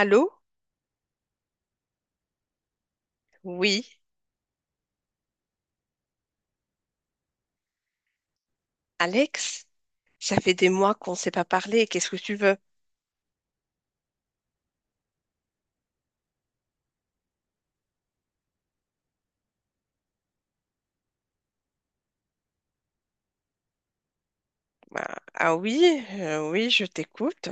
Allô? Oui, Alex, ça fait des mois qu'on ne s'est pas parlé. Qu'est-ce que tu veux? Bah, ah oui, oui, je t'écoute.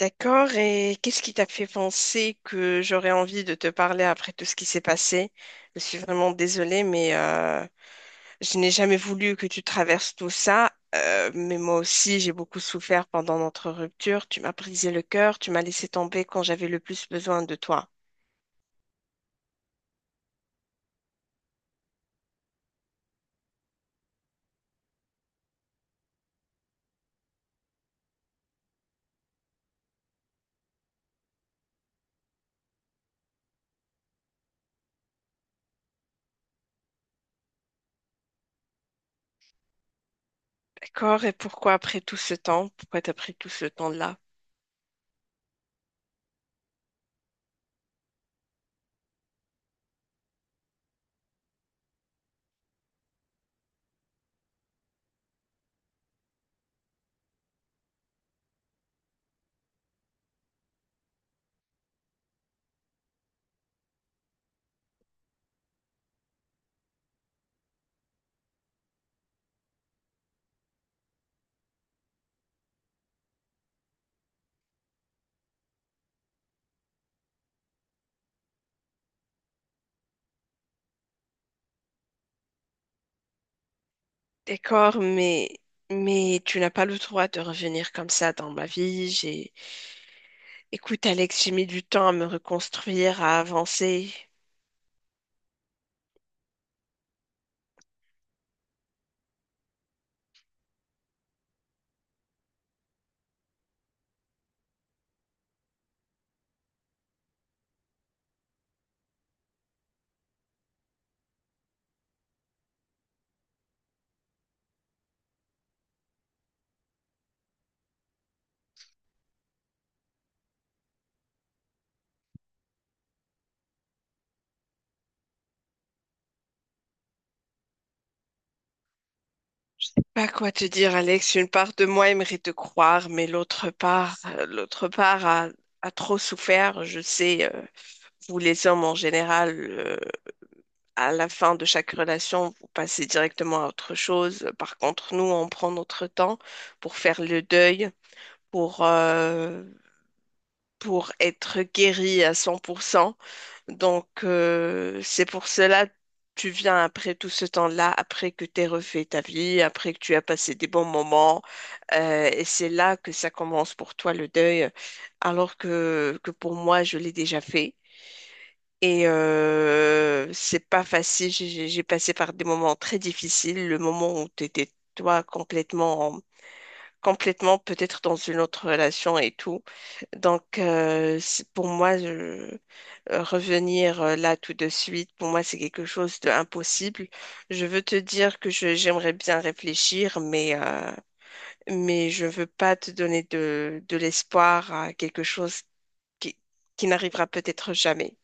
D'accord, et qu'est-ce qui t'a fait penser que j'aurais envie de te parler après tout ce qui s'est passé? Je suis vraiment désolée, mais je n'ai jamais voulu que tu traverses tout ça. Mais moi aussi, j'ai beaucoup souffert pendant notre rupture. Tu m'as brisé le cœur, tu m'as laissé tomber quand j'avais le plus besoin de toi. D'accord, et pourquoi après tout ce temps? Pourquoi t'as pris tout ce temps-là? D'accord, mais tu n'as pas le droit de revenir comme ça dans ma vie. Écoute Alex, j'ai mis du temps à me reconstruire, à avancer. Pas quoi te dire, Alex. Une part de moi aimerait te croire, mais l'autre part, a trop souffert. Je sais, vous les hommes en général. À la fin de chaque relation, vous passez directement à autre chose. Par contre, nous, on prend notre temps pour faire le deuil, pour, euh, pour être guéri à 100%. Donc, c'est pour cela tu viens après tout ce temps-là, après que tu aies refait ta vie, après que tu as passé des bons moments. Et c'est là que ça commence pour toi le deuil, alors que pour moi, je l'ai déjà fait. Et c'est pas facile. J'ai passé par des moments très difficiles. Le moment où tu étais, toi, complètement, complètement peut-être dans une autre relation et tout. Donc, pour moi, revenir là tout de suite, pour moi, c'est quelque chose d'impossible. Je veux te dire que j'aimerais bien réfléchir, mais je veux pas te donner de l'espoir à quelque chose qui, qui n'arrivera peut-être jamais.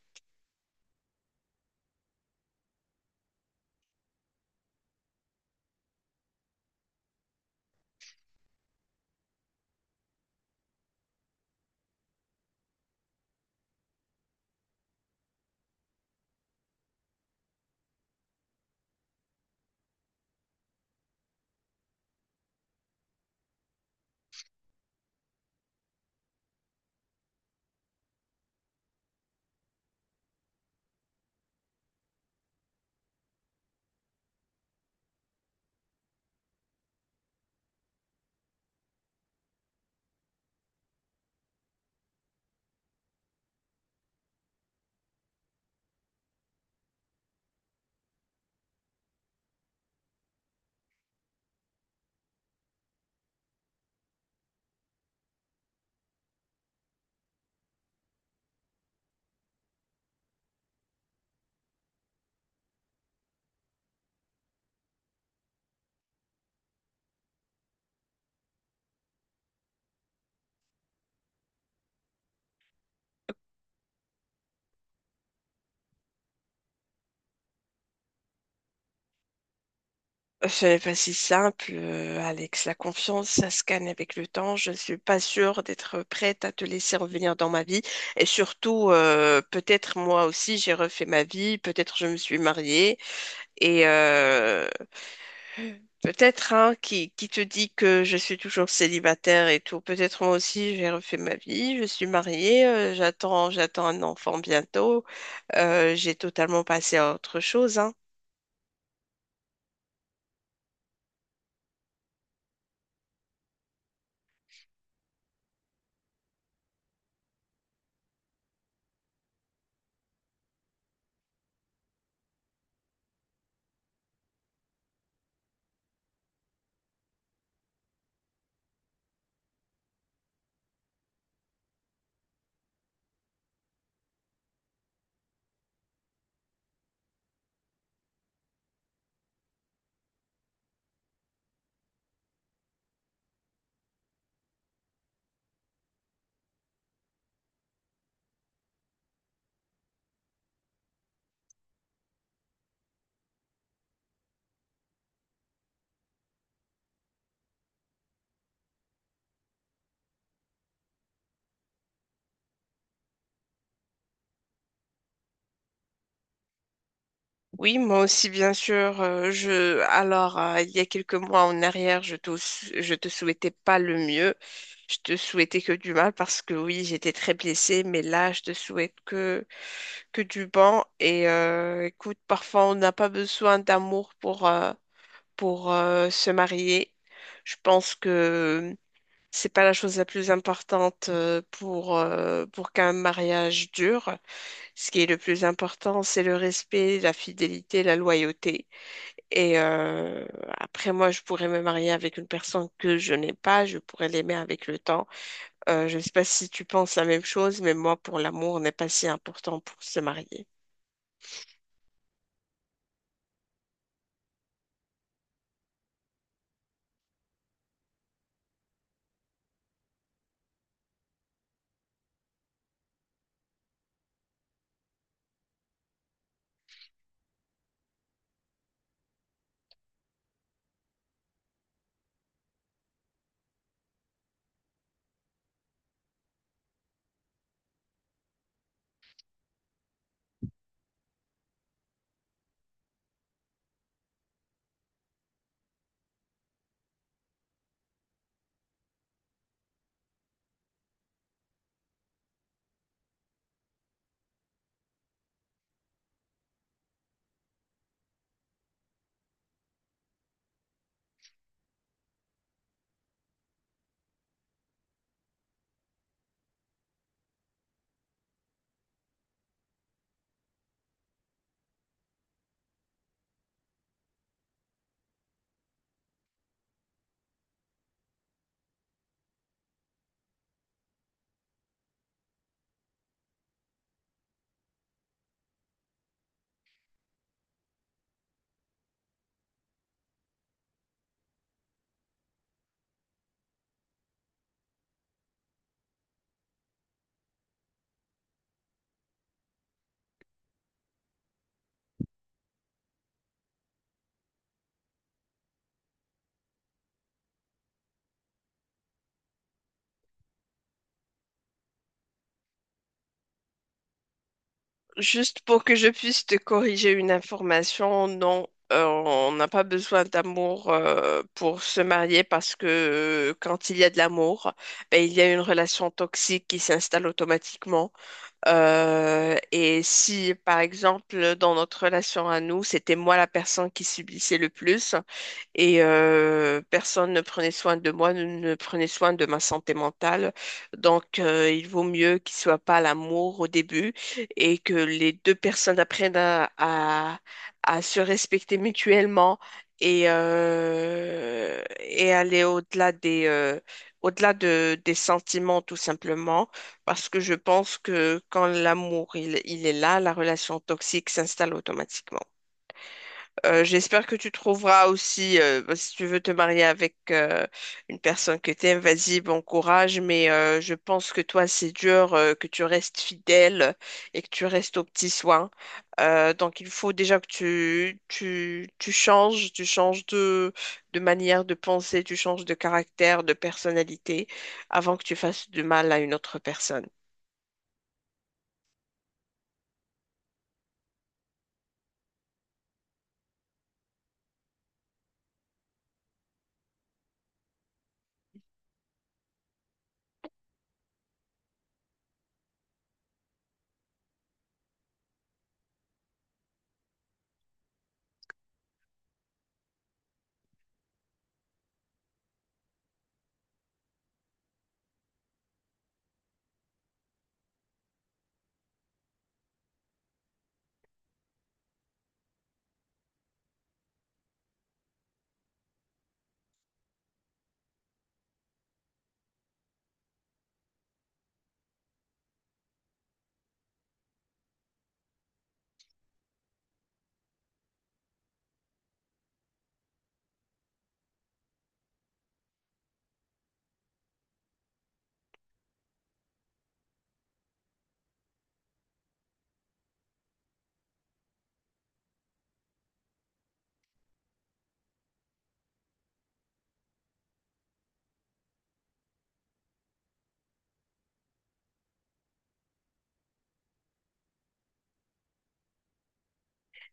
C'est pas si simple, Alex. La confiance, ça se gagne avec le temps. Je ne suis pas sûre d'être prête à te laisser revenir dans ma vie. Et surtout, peut-être moi aussi, j'ai refait ma vie. Peut-être je me suis mariée. Et peut-être, hein, qui te dit que je suis toujours célibataire et tout. Peut-être moi aussi, j'ai refait ma vie. Je suis mariée. J'attends un enfant bientôt. J'ai totalement passé à autre chose, hein. Oui, moi aussi, bien sûr. Alors, il y a quelques mois en arrière, je te souhaitais pas le mieux. Je te souhaitais que du mal parce que oui, j'étais très blessée, mais là, je te souhaite que du bon. Et écoute, parfois, on n'a pas besoin d'amour pour se marier. Je pense que c'est pas la chose la plus importante pour qu'un mariage dure. Ce qui est le plus important, c'est le respect, la fidélité, la loyauté. Et après, moi, je pourrais me marier avec une personne que je n'ai pas, je pourrais l'aimer avec le temps. Je ne sais pas si tu penses la même chose, mais moi, pour l'amour, n'est pas si important pour se marier. Juste pour que je puisse te corriger une information, non, on n'a pas besoin d'amour pour se marier parce que quand il y a de l'amour, ben, il y a une relation toxique qui s'installe automatiquement. Et si, par exemple, dans notre relation à nous, c'était moi la personne qui subissait le plus, et personne ne prenait soin de moi, ne prenait soin de ma santé mentale. Donc, il vaut mieux qu'il soit pas à l'amour au début et que les deux personnes apprennent à se respecter mutuellement et aller au-delà au-delà de, des sentiments, tout simplement, parce que je pense que quand l'amour, il est là, la relation toxique s'installe automatiquement. J'espère que tu trouveras aussi, bah, si tu veux te marier avec une personne que tu aimes, vas-y, bon courage, mais je pense que toi, c'est dur que tu restes fidèle et que tu restes aux petits soins. Donc, il faut déjà que tu changes de manière de penser, tu changes de caractère, de personnalité, avant que tu fasses du mal à une autre personne.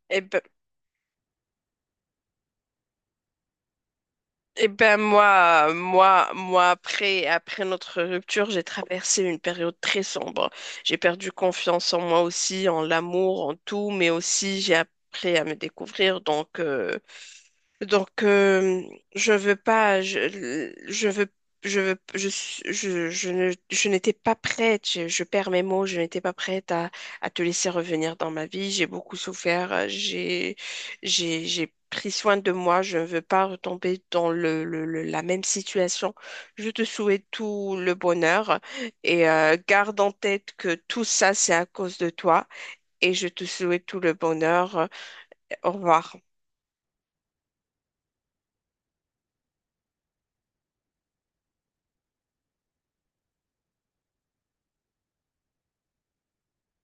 Eh ben, eh ben moi, après, après notre rupture, j'ai traversé une période très sombre. J'ai perdu confiance en moi aussi, en l'amour, en tout, mais aussi j'ai appris à me découvrir. Donc, je veux pas, je, je veux, je veux, je, je ne, je n'étais pas prête, je perds mes mots, je n'étais pas prête à te laisser revenir dans ma vie. J'ai beaucoup souffert, j'ai pris soin de moi, je ne veux pas retomber dans la même situation. Je te souhaite tout le bonheur et garde en tête que tout ça, c'est à cause de toi et je te souhaite tout le bonheur. Au revoir.